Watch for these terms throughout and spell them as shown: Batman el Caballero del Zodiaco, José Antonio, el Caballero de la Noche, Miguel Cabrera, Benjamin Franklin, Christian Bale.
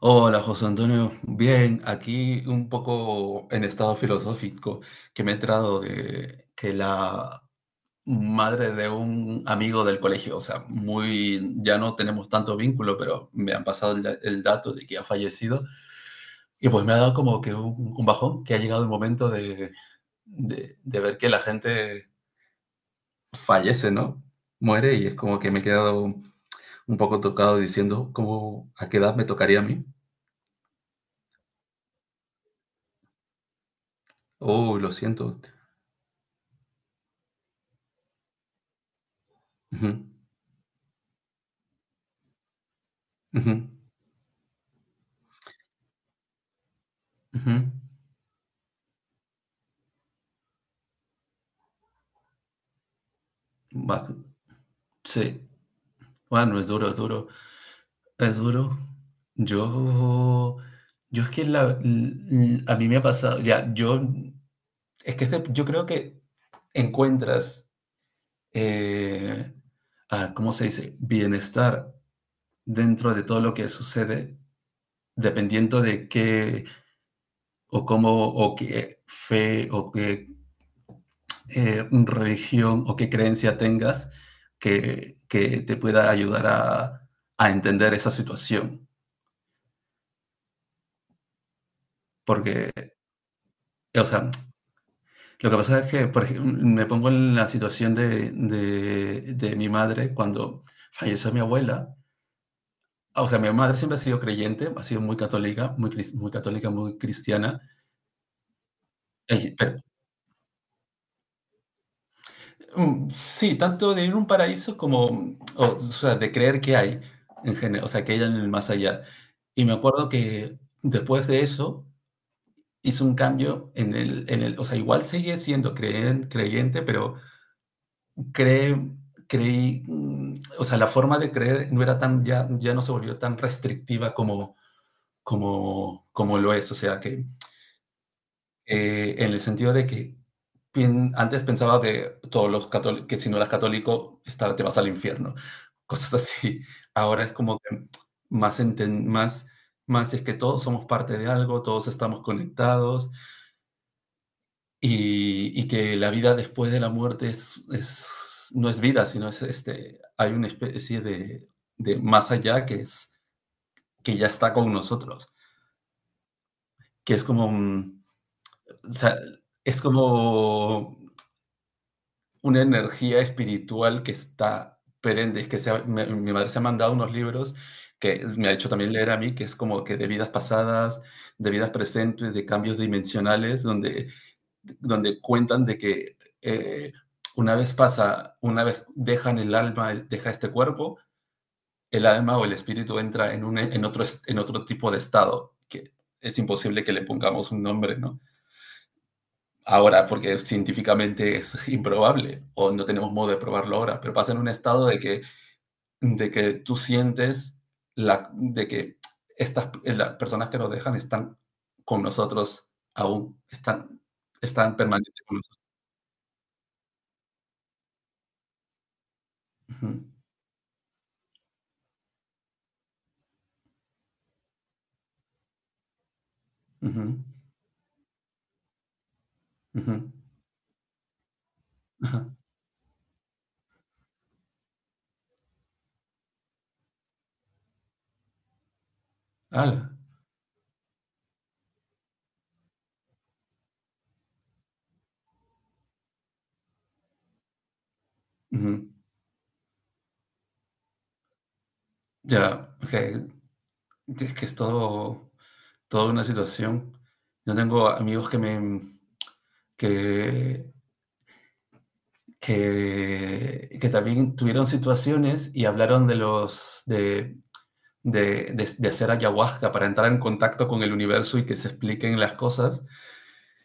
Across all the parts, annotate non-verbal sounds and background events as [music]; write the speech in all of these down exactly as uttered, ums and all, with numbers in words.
Hola José Antonio, bien, aquí un poco en estado filosófico, que me he enterado de que la madre de un amigo del colegio, o sea, muy, ya no tenemos tanto vínculo, pero me han pasado el, da- el dato de que ha fallecido. Y pues me ha dado como que un, un bajón, que ha llegado el momento de, de, de ver que la gente fallece, ¿no? Muere, y es como que me he quedado un poco tocado diciendo, ¿cómo, a qué edad me tocaría a mí? Oh, lo siento. Ujú. Ujú, ujú. Va- sí, bueno, es duro, es duro, es duro. Yo, yo es que la, l- a mí me ha pasado, ya, yo, es que es de- yo creo que encuentras, eh, ah, ¿cómo se dice? Bienestar dentro de todo lo que sucede, dependiendo de qué, o cómo, o qué fe, o qué eh, religión, o qué creencia tengas que, que te pueda ayudar a, a entender esa situación. Porque, o sea, lo que pasa es que por ej- me pongo en la situación de, de- de mi madre cuando falleció mi abuela. O sea, mi madre siempre ha sido creyente, ha sido muy católica, muy, cris- muy católica, muy cristiana, eh, pero mm, sí, tanto de ir a un paraíso como, mm, o, o sea, de creer que hay, en general, o sea, que hay en el más allá. Y me acuerdo que después de eso hice un cambio en el, en el, o sea, igual seguí siendo creen- creyente, pero cree, creí, mm, o sea, la forma de creer no era tan, ya, ya no se volvió tan restrictiva como, como, como lo es, o sea, que eh, en el sentido de que pien- antes pensaba que todos los católicos, que si no eras católico, está- te vas al infierno, cosas así. Ahora es como que más, enten- más, más es que todos somos parte de algo, todos estamos conectados, y, y que la vida después de la muerte es, es- no es vida, sino es este, hay una especie de, de más allá que es que ya está con nosotros, que es como, mm, o sea, es como una energía espiritual que está perenne. Es que se ha- me- mi madre se ha mandado unos libros que me ha hecho también leer a mí, que es como que de vidas pasadas, de vidas presentes, de cambios dimensionales, donde, donde cuentan de que eh, una vez pasa, una vez dejan el alma, deja este cuerpo, el alma o el espíritu entra en, un, en, otro, est- en otro tipo de estado, que es imposible que le pongamos un nombre, ¿no? Ahora, porque científicamente es [laughs] improbable, o no tenemos modo de probarlo ahora, pero pasa en un estado de que, de que tú sientes la, de que estas eh, las personas que nos dejan están con nosotros aún, están, están permanentes con nosotros. Ujú, ujú, ujú, ajá, ala, ujú. Ya, ok. Es que es todo, toda una situación. Yo tengo amigos que me, que, que, que también tuvieron situaciones y hablaron de los de, de, de- de hacer ayahuasca para entrar en contacto con el universo, y que se expliquen las cosas.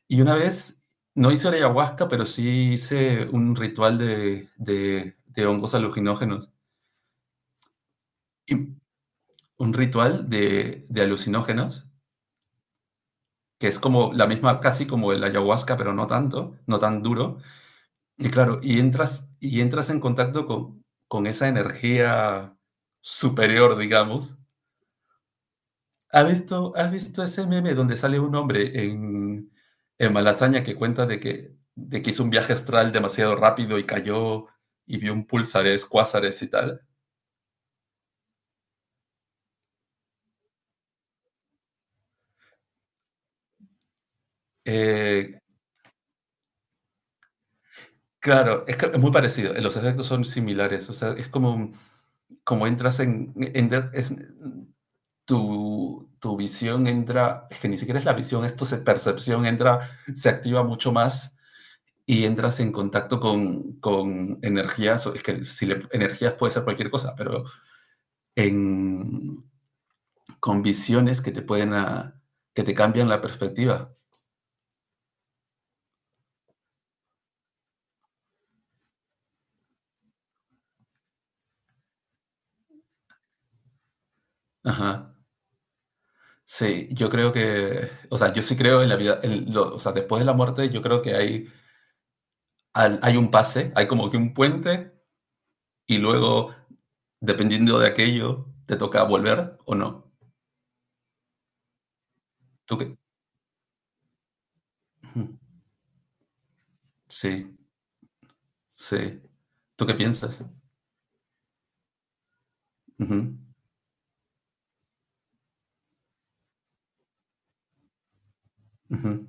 Y una vez, no hice ayahuasca, pero sí hice un ritual de, de, de hongos alucinógenos. Y un ritual de, de alucinógenos, que es como la misma, casi como el ayahuasca, pero no tanto, no tan duro. Y claro, y entras, y entras en contacto con, con esa energía superior, digamos. ¿Has visto, has visto ese meme donde sale un hombre en, en Malasaña, que cuenta de que, de que hizo un viaje astral demasiado rápido y cayó, y vio un pulsares, cuásares y tal? Eh, claro, es, que es muy parecido. Los efectos son similares. O sea, es como, como entras en, en- es- tu, tu visión entra, es que ni siquiera es la visión, esto es percepción, entra, se activa mucho más y entras en contacto con, con energías, es que si le- energías puede ser cualquier cosa, pero en, con visiones que te pueden, a- que te cambian la perspectiva. Ajá. Sí, yo creo que, o sea, yo sí creo en la vida, en lo- o sea, después de la muerte yo creo que hay, al- hay un pase, hay como que un puente y luego, dependiendo de aquello, te toca volver o no. ¿Tú qué? Ujú. Sí, sí. ¿Tú qué piensas? Ujú, ujú,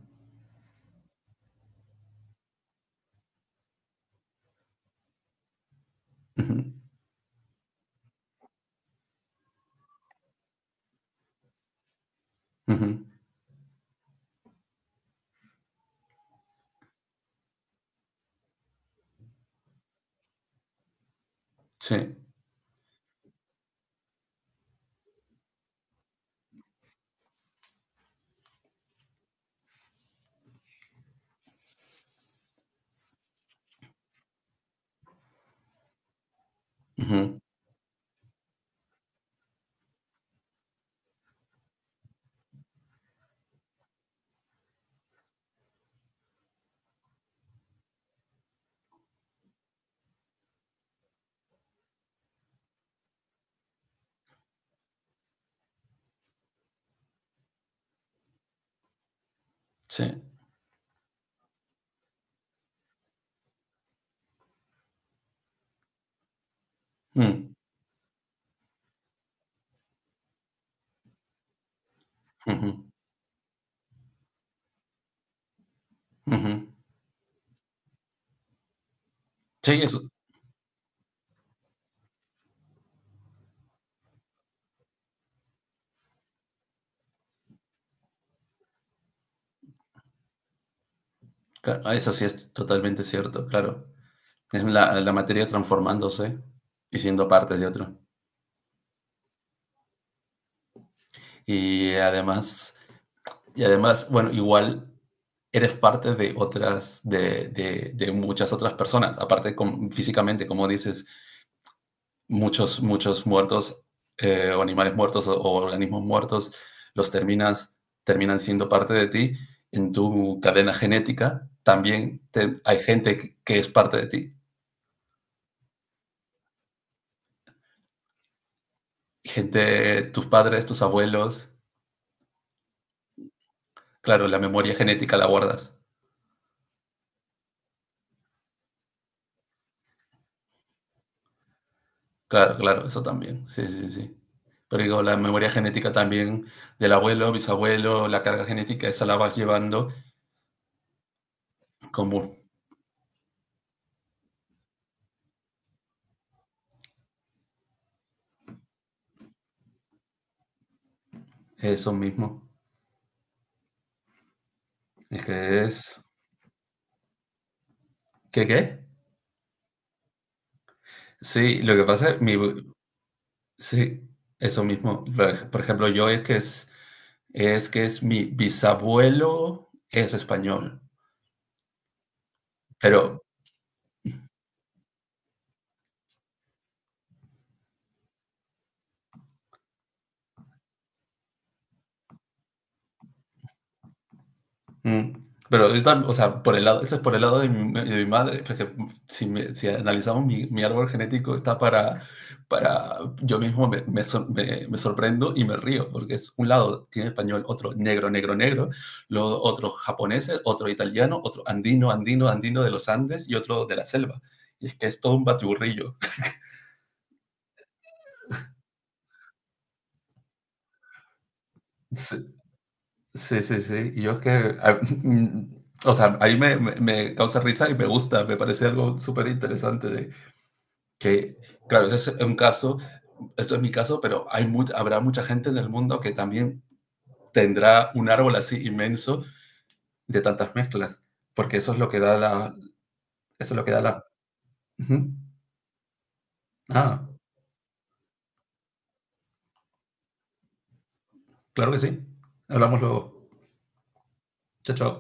ujú, ujú. Sí, ujú, sí. Mm, ujú, ujú. Sí, eso, claro, ah, eso sí es totalmente cierto, claro. Es la, la materia transformándose y siendo parte de otro. Y además, y además, bueno, igual eres parte de otras, de, de, de muchas otras personas, aparte con, físicamente, como dices. muchos, muchos muertos eh, o animales muertos, o, o organismos muertos, los terminas, terminan siendo parte de ti en tu cadena genética, también te, hay gente que es parte de ti. Gente, tus padres, tus abuelos. Claro, la memoria genética la guardas. Claro, claro, eso también. Sí, sí, sí. Pero digo, la memoria genética también del abuelo, bisabuelo, la carga genética, esa la vas llevando como eso mismo. Es que es... ¿Qué qué? Sí, lo que pasa es mi, sí, eso mismo. Por ej- por ejemplo, yo es que es, es que es mi bisabuelo es español, pero, mm. Pero, yo tam- o sea, por el lado, eso es por el lado de mi, de mi madre, porque si, me- si analizamos mi, mi árbol genético, está para, para yo mismo me, me sor- me- me sorprendo y me río, porque es un lado tiene español, otro negro, negro, negro, luego otro japoneses, otro italiano, otro andino, andino, andino de los Andes y otro de la selva. Y es que es todo un batiburrillo. Sí, sí, sí, sí. Y yo es que, a- [laughs] o sea, ahí me, me- me causa risa y me gusta, me parece algo súper interesante. Que, claro, ese es un caso, esto es mi caso, pero hay much, habrá mucha gente en el mundo que también tendrá un árbol así inmenso de tantas mezclas, porque eso es lo que da la... Eso es lo que da la... Uh -huh. Ah, claro que sí. Hablamos luego. Chao, chao.